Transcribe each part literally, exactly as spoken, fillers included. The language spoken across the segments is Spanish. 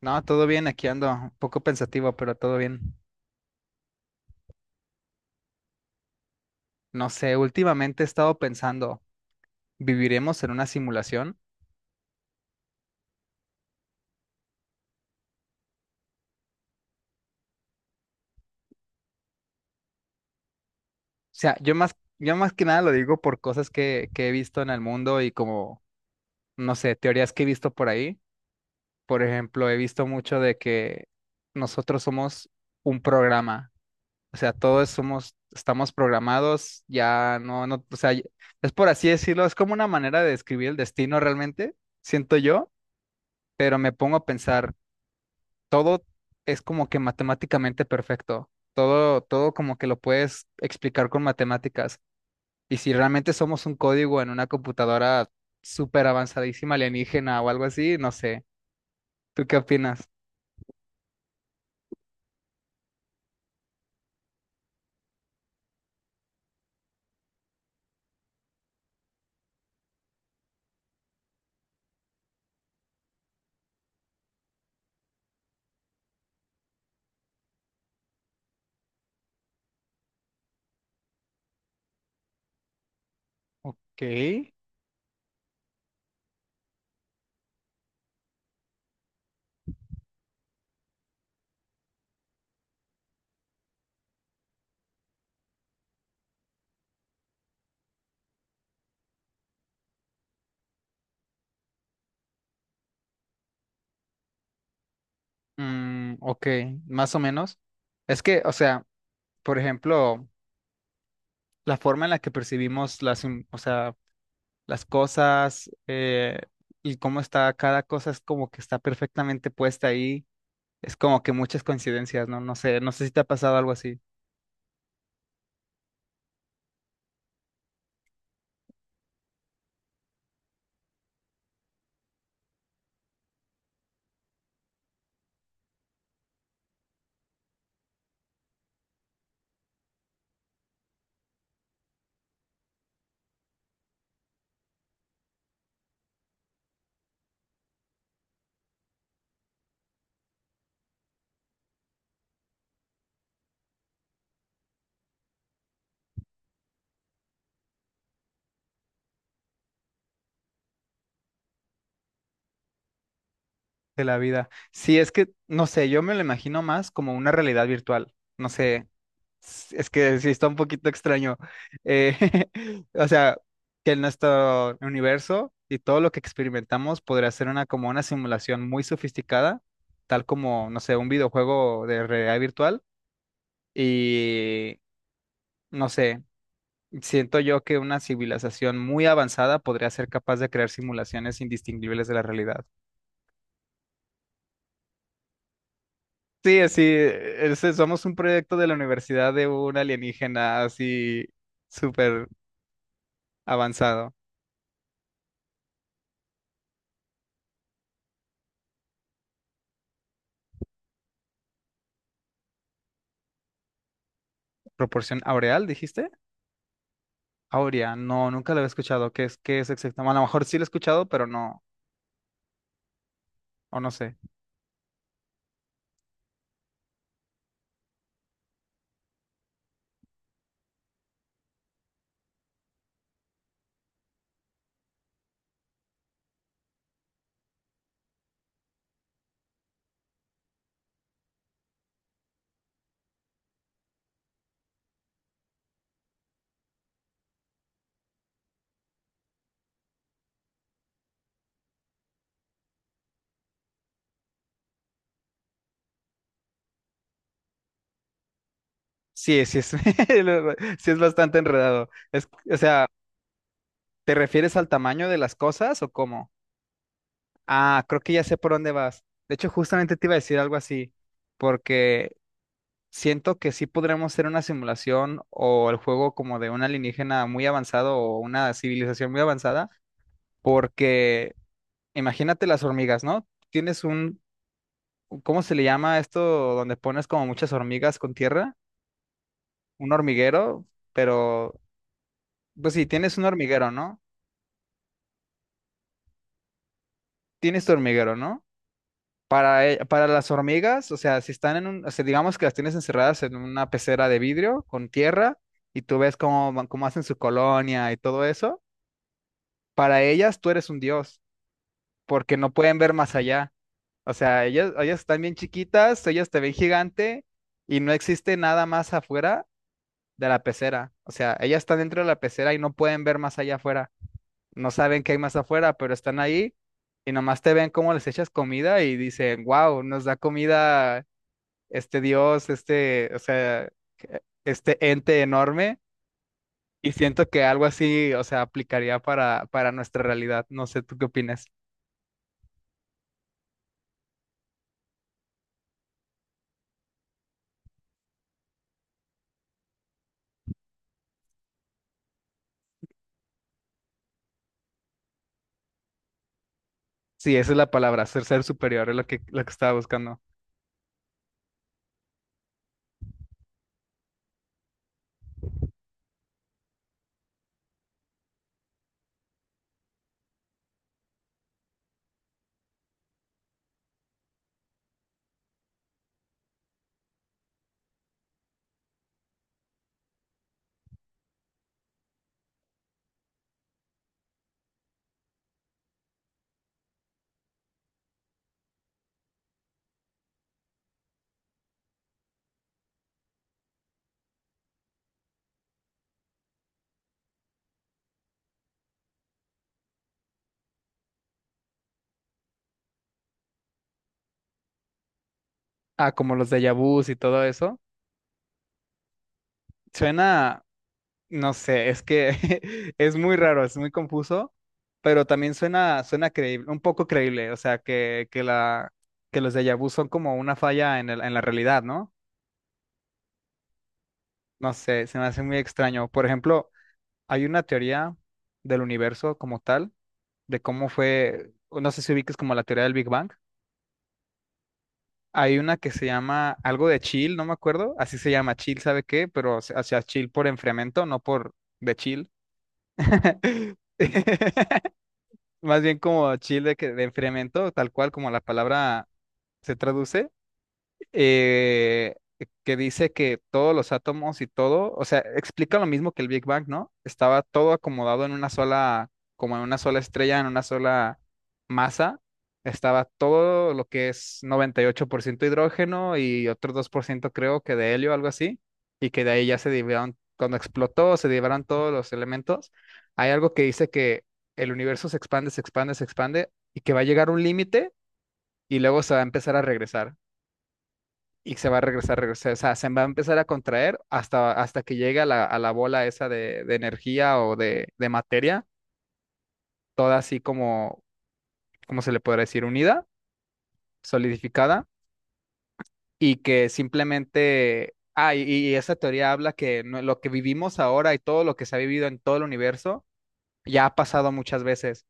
No, todo bien, aquí ando, un poco pensativo, pero todo bien. No sé, últimamente he estado pensando, ¿viviremos en una simulación? O sea, yo más, yo más que nada lo digo por cosas que, que he visto en el mundo y como, no sé, teorías que he visto por ahí. Por ejemplo, he visto mucho de que nosotros somos un programa. O sea, todos somos, estamos programados, ya no, no, o sea, es por así decirlo, es como una manera de describir el destino realmente, siento yo, pero me pongo a pensar. Todo es como que matemáticamente perfecto. Todo, todo como que lo puedes explicar con matemáticas. Y si realmente somos un código en una computadora súper avanzadísima, alienígena o algo así, no sé. ¿Tú qué opinas? Ok. Mm, ok, más o menos. Es que, o sea, por ejemplo, la forma en la que percibimos las, im- o sea, las cosas eh, y cómo está cada cosa es como que está perfectamente puesta ahí. Es como que muchas coincidencias, ¿no? No sé, no sé si te ha pasado algo así de la vida. Sí, es que, no sé, yo me lo imagino más como una realidad virtual. No sé, s- es que sí está un poquito extraño. Eh, o sea, que nuestro universo y todo lo que experimentamos podría ser una como una simulación muy sofisticada, tal como, no sé, un videojuego de realidad virtual. Y no sé. Siento yo que una civilización muy avanzada podría ser capaz de crear simulaciones indistinguibles de la realidad. Sí, así, eh, ese- somos un proyecto de la universidad de un alienígena así súper avanzado. ¿Proporción aureal, dijiste? Aurea, no, nunca lo había escuchado. ¿Qué es, qué es exactamente? A lo mejor sí lo he escuchado, pero no, o no sé. Sí, sí es, sí es bastante enredado. Es, o sea, ¿te refieres al tamaño de las cosas o cómo? Ah, creo que ya sé por dónde vas. De hecho, justamente te iba a decir algo así, porque siento que sí podremos hacer una simulación o el juego como de un alienígena muy avanzado o una civilización muy avanzada, porque imagínate las hormigas, ¿no? Tienes un, ¿cómo se le llama esto? Donde pones como muchas hormigas con tierra, un hormiguero, pero, pues sí, tienes un hormiguero, ¿no? Tienes tu hormiguero, ¿no? Para, e- para las hormigas, o sea, si están en un, o sea, digamos que las tienes encerradas en una pecera de vidrio con tierra y tú ves cómo, van- cómo hacen su colonia y todo eso, para ellas tú eres un dios, porque no pueden ver más allá. O sea, ellas, ellas están bien chiquitas, ellas te ven gigante y no existe nada más afuera de la pecera. O sea, ellas están dentro de la pecera y no pueden ver más allá afuera. No saben qué hay más afuera, pero están ahí y nomás te ven cómo les echas comida y dicen, wow, nos da comida este dios, este, o sea, que- este ente enorme, y siento que algo así, o sea, aplicaría para, para nuestra realidad. No sé, ¿tú qué opinas? Sí, esa es la palabra, ser ser superior, es lo que, lo que estaba buscando. Ah, como los déjà vus y todo eso. Suena, no sé, es que es muy raro, es muy confuso, pero también suena, suena creíble, un poco creíble, o sea, que, que la, que los déjà vus son como una falla en el- en la realidad, ¿no? No sé, se me hace muy extraño. Por ejemplo, hay una teoría del universo como tal, de cómo fue, no sé si ubiques como la teoría del Big Bang. Hay una que se llama algo de chill, no me acuerdo, así se llama chill, ¿sabe qué? Pero se- o sea, chill por enfriamiento, no por de chill. Más bien como chill de, que, de enfriamiento, tal cual como la palabra se traduce. Eh, que dice que todos los átomos y todo, o sea, explica lo mismo que el Big Bang, ¿no? Estaba todo acomodado en una sola, como en una sola estrella, en una sola masa. Estaba todo lo que es noventa y ocho por ciento hidrógeno y otro dos por ciento creo que de helio, algo así, y que de ahí ya se dividieron, cuando explotó, se dividieron todos los elementos. Hay algo que dice que el universo se expande, se expande, se expande y que va a llegar un límite y luego se va a empezar a regresar y se va a regresar, regresar, o sea, se va a empezar a contraer hasta, hasta que llegue a la, a la bola esa de, de energía o de, de materia, toda así como, ¿cómo se le podría decir? Unida, solidificada, y que simplemente, ah, y, y esa teoría habla que no- lo que vivimos ahora y todo lo que se ha vivido en todo el universo ya ha pasado muchas veces,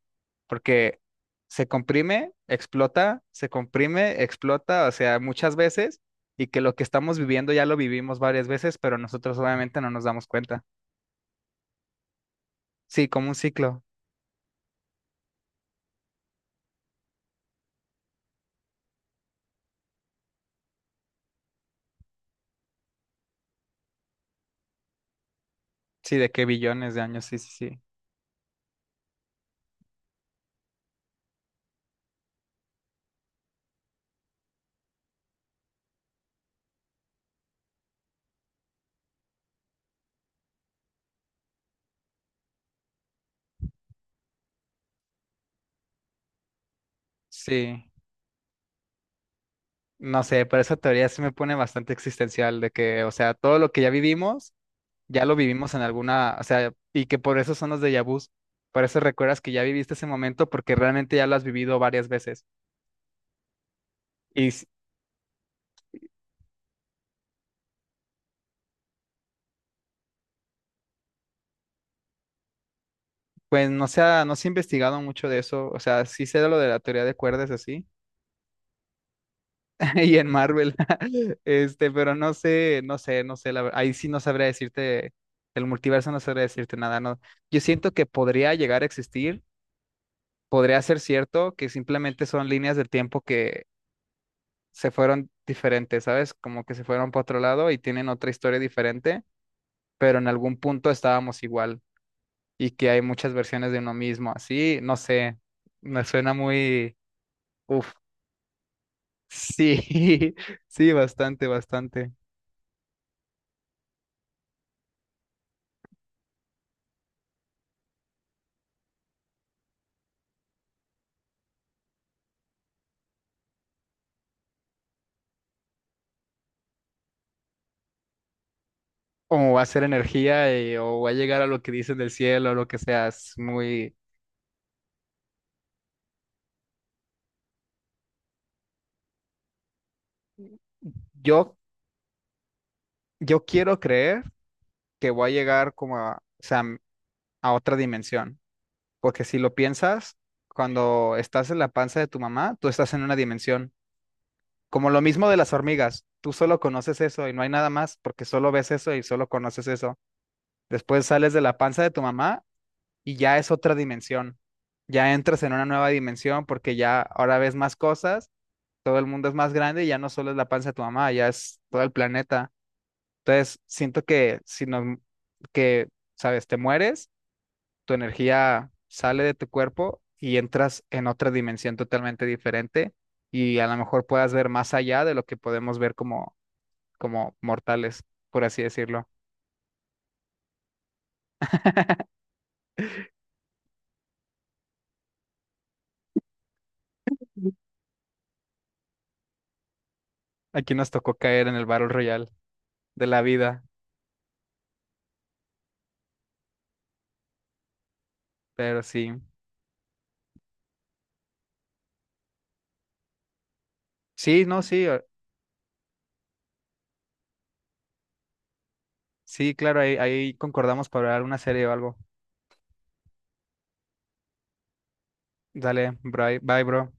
porque se comprime, explota, se comprime, explota, o sea, muchas veces, y que lo que estamos viviendo ya lo vivimos varias veces, pero nosotros obviamente no nos damos cuenta. Sí, como un ciclo, sí, de que billones de años, sí, sí, sí, sí. No sé, pero esa teoría sí me pone bastante existencial, de que, o sea, todo lo que ya vivimos, ya lo vivimos en alguna, o sea, y que por eso son los déjà vus, por eso recuerdas que ya viviste ese momento, porque realmente ya lo has vivido varias veces. Y, s- pues no se ha, no se ha investigado mucho de eso, o sea, sí sé de lo de la teoría de cuerdas así, y en Marvel, este, pero no sé, no sé, no sé, la ver- ahí sí no sabría decirte, el multiverso no sabría decirte nada, no. Yo siento que podría llegar a existir, podría ser cierto que simplemente son líneas del tiempo que se fueron diferentes, ¿sabes? Como que se fueron para otro lado y tienen otra historia diferente, pero en algún punto estábamos igual, y que hay muchas versiones de uno mismo, así, no sé, me suena muy... Uf, sí, sí, bastante, bastante. O va a ser energía eh, o va a llegar a lo que dicen del cielo o lo que sea. Es muy... Yo, yo quiero creer que voy a llegar como a, o sea, a otra dimensión. Porque si lo piensas, cuando estás en la panza de tu mamá, tú estás en una dimensión. Como lo mismo de las hormigas. Tú solo conoces eso y no hay nada más porque solo ves eso y solo conoces eso. Después sales de la panza de tu mamá y ya es otra dimensión. Ya entras en una nueva dimensión porque ya ahora ves más cosas, todo el mundo es más grande y ya no solo es la panza de tu mamá, ya es todo el planeta. Entonces, siento que si no, que, sabes, te mueres, tu energía sale de tu cuerpo y entras en otra dimensión totalmente diferente y a lo mejor puedas ver más allá de lo que podemos ver como, como mortales, por así decirlo. Aquí nos tocó caer en el Battle Royale de la vida, pero sí. Sí, no, sí, sí, claro, ahí, ahí concordamos para ver una serie o algo. Dale, bye, bye, bro.